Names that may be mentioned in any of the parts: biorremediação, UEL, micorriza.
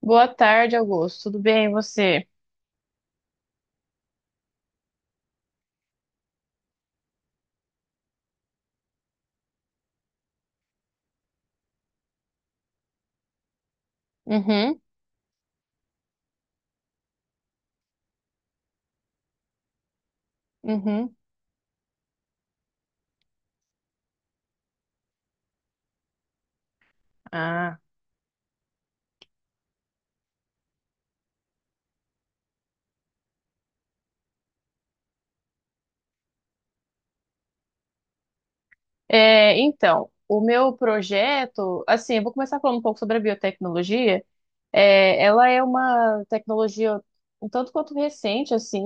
Boa tarde, Augusto. Tudo bem, e você? Uhum, uhum. Ah, então, o meu projeto, assim, eu vou começar falando um pouco sobre a biotecnologia. Ela é uma tecnologia um tanto quanto recente, assim,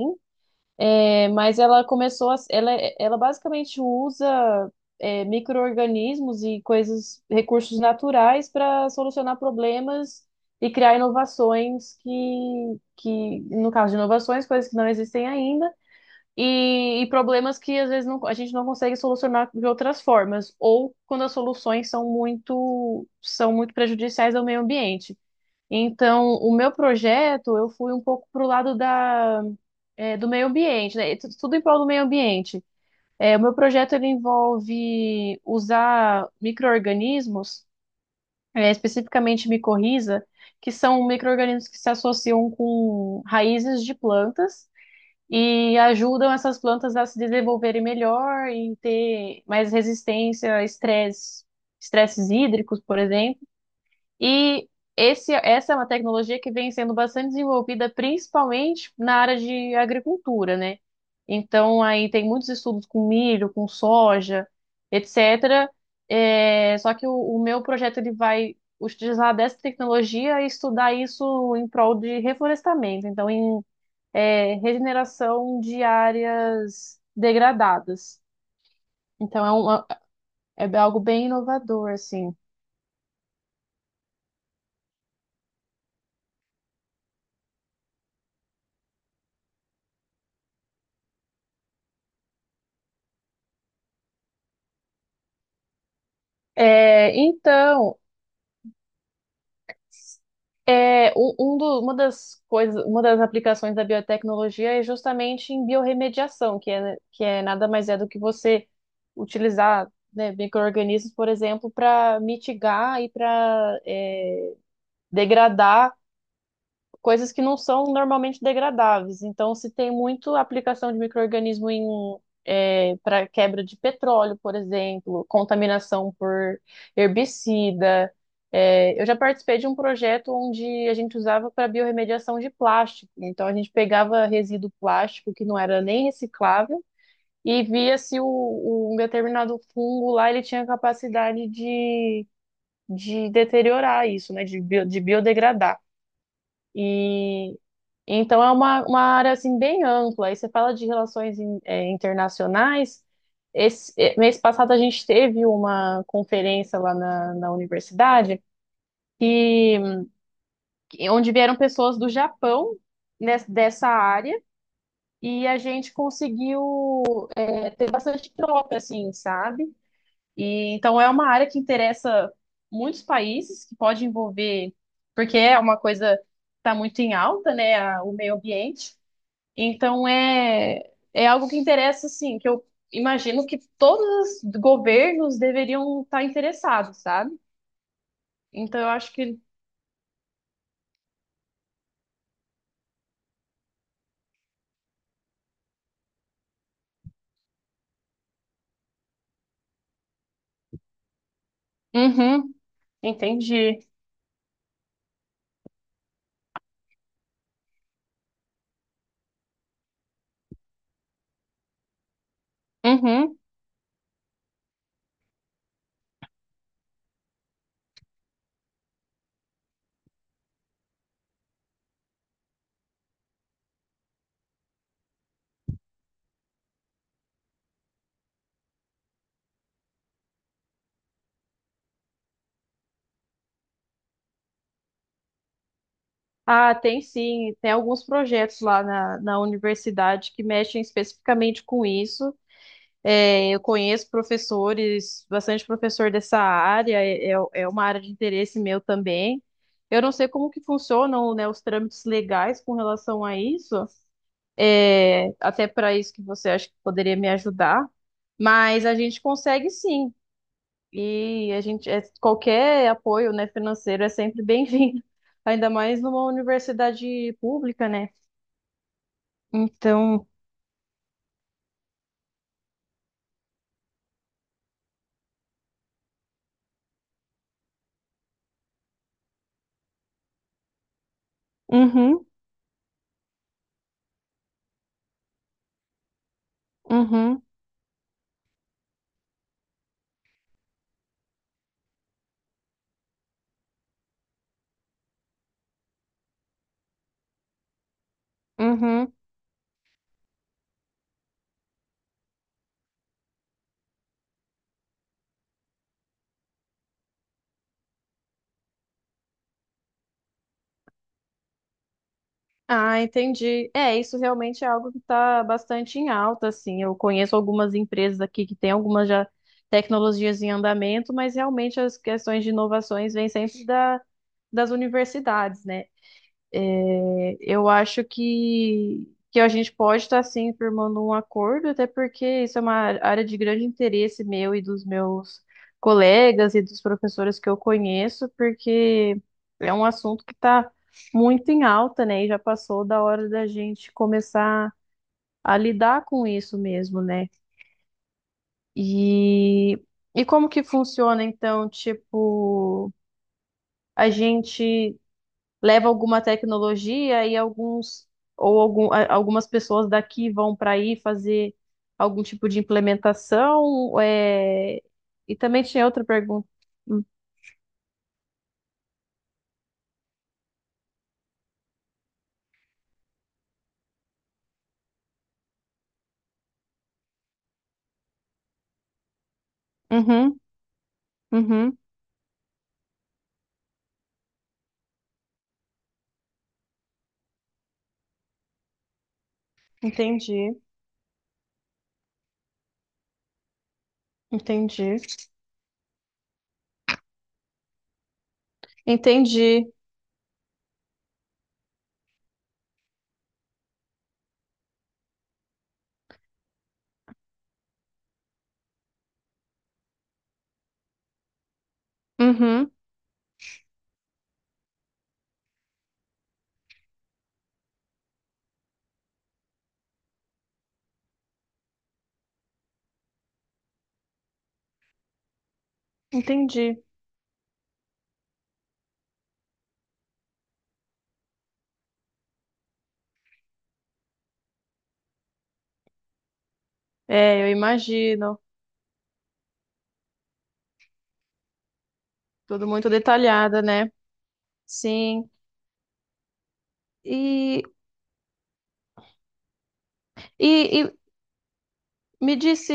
mas ela começou, ela basicamente usa micro-organismos e coisas, recursos naturais para solucionar problemas e criar inovações no caso de inovações, coisas que não existem ainda e problemas que às vezes a gente não consegue solucionar de outras formas, ou quando as soluções são são muito prejudiciais ao meio ambiente. Então, o meu projeto, eu fui um pouco para o lado do meio ambiente, né? Tudo em prol do meio ambiente. O meu projeto ele envolve usar micro-organismos, especificamente micorriza, que são micro-organismos que se associam com raízes de plantas e ajudam essas plantas a se desenvolverem melhor e ter mais resistência a estresse, estresses hídricos, por exemplo. E essa é uma tecnologia que vem sendo bastante desenvolvida, principalmente na área de agricultura, né? Então, aí tem muitos estudos com milho, com soja, etc. Só que o meu projeto ele vai utilizar dessa tecnologia e estudar isso em prol de reflorestamento. Então, em regeneração de áreas degradadas. Então, é algo bem inovador, assim. Então, uma das aplicações da biotecnologia é justamente em biorremediação, que é nada mais é do que você utilizar, né, micro-organismos, por exemplo, para mitigar e para degradar coisas que não são normalmente degradáveis. Então, se tem muito aplicação de micro-organismo para quebra de petróleo, por exemplo, contaminação por herbicida. Eu já participei de um projeto onde a gente usava para biorremediação de plástico. Então, a gente pegava resíduo plástico que não era nem reciclável e via se um determinado fungo lá ele tinha capacidade de deteriorar isso, né, de biodegradar. E então é uma, área assim bem ampla. Aí você fala de relações internacionais. Esse mês passado a gente teve uma conferência lá na universidade que, onde vieram pessoas do Japão dessa área e a gente conseguiu ter bastante troca, assim, sabe? E então é uma área que interessa muitos países, que pode envolver, porque é uma coisa que está muito em alta, né? O meio ambiente. Então é algo que interessa, assim, que eu imagino que todos os governos deveriam estar interessados, sabe? Então eu acho que. Uhum, entendi. Uhum. Ah, tem sim, tem alguns projetos lá na universidade que mexem especificamente com isso. Eu conheço professores, bastante professor dessa área, é uma área de interesse meu também. Eu não sei como que funcionam, né, os trâmites legais com relação a isso, até para isso que você acha que poderia me ajudar, mas a gente consegue sim. E a gente, qualquer apoio, né, financeiro é sempre bem-vindo, ainda mais numa universidade pública, né? Então, uhum, uhum, uhum. Ah, entendi. Isso realmente é algo que está bastante em alta, assim. Eu conheço algumas empresas aqui que têm algumas já tecnologias em andamento, mas realmente as questões de inovações vêm sempre das universidades, né? Eu acho que a gente pode estar sim firmando um acordo, até porque isso é uma área de grande interesse meu e dos meus colegas e dos professores que eu conheço, porque é um assunto que está muito em alta, né? E já passou da hora da gente começar a lidar com isso mesmo, né? E, e como que funciona, então, tipo, a gente. Leva alguma tecnologia e alguns ou algum, algumas pessoas daqui vão para aí fazer algum tipo de implementação. E também tinha outra pergunta. Hum, Uhum, uhum, entendi, entendi, entendi, uhum, entendi. Eu imagino, tudo muito detalhada, né? Sim. E, e, Me disse,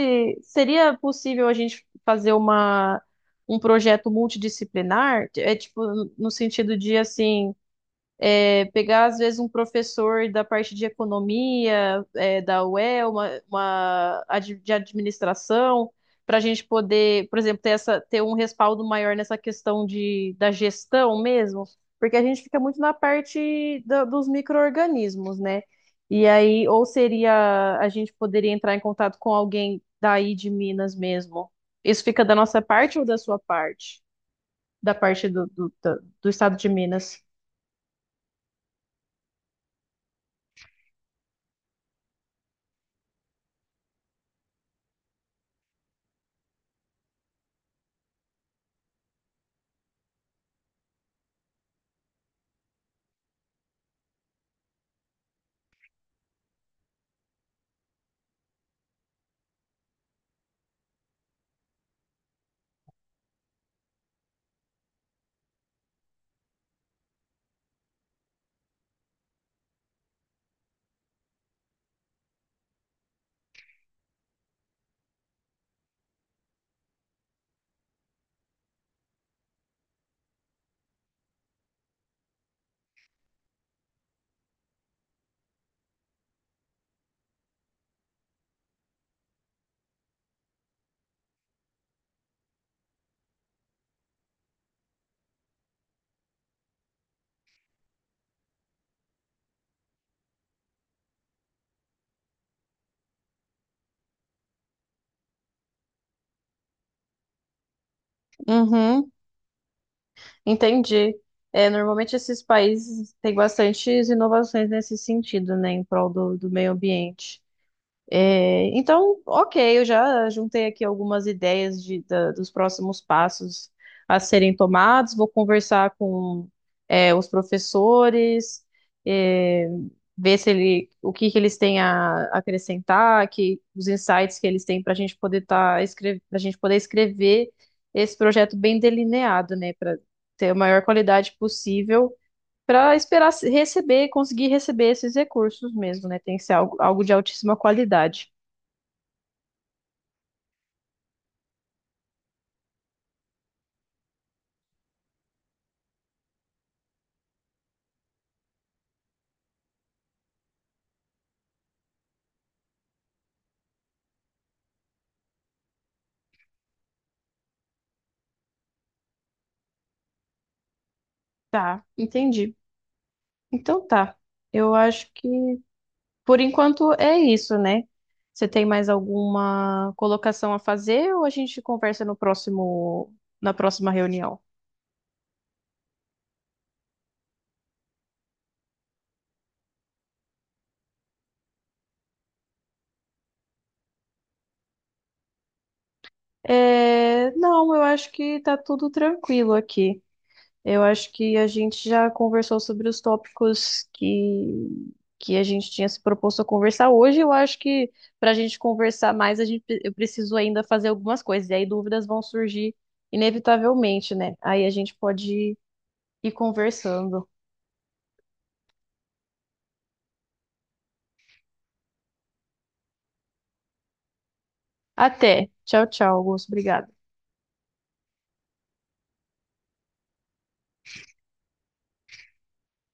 seria possível a gente fazer um projeto multidisciplinar? É tipo, no sentido de assim. É pegar, às vezes, um professor da parte de economia, da UEL, de administração, para a gente poder, por exemplo, ter um respaldo maior nessa questão da gestão mesmo, porque a gente fica muito na parte dos micro-organismos, né? E aí, ou seria, a gente poderia entrar em contato com alguém daí de Minas mesmo. Isso fica da nossa parte ou da sua parte? Da parte do estado de Minas. Uhum. Entendi. Normalmente esses países têm bastantes inovações nesse sentido, né, em prol do meio ambiente. Então, ok, eu já juntei aqui algumas ideias dos próximos passos a serem tomados. Vou conversar com, os professores, é, ver se o que que eles têm a acrescentar, que os insights que eles têm para a gente poder tá, escrever, para gente poder escrever esse projeto bem delineado, né, para ter a maior qualidade possível. Para esperar receber, conseguir receber esses recursos mesmo, né? Tem que ser algo de altíssima qualidade. Tá, entendi. Então tá. Eu acho que por enquanto é isso, né? Você tem mais alguma colocação a fazer ou a gente conversa no próximo, na próxima reunião? Não, eu acho que tá tudo tranquilo aqui. Eu acho que a gente já conversou sobre os tópicos que a gente tinha se proposto a conversar hoje. Eu acho que para a gente conversar mais, a gente, eu preciso ainda fazer algumas coisas, e aí dúvidas vão surgir inevitavelmente, né? Aí a gente pode ir conversando. Até. Tchau, tchau, Augusto. Obrigada.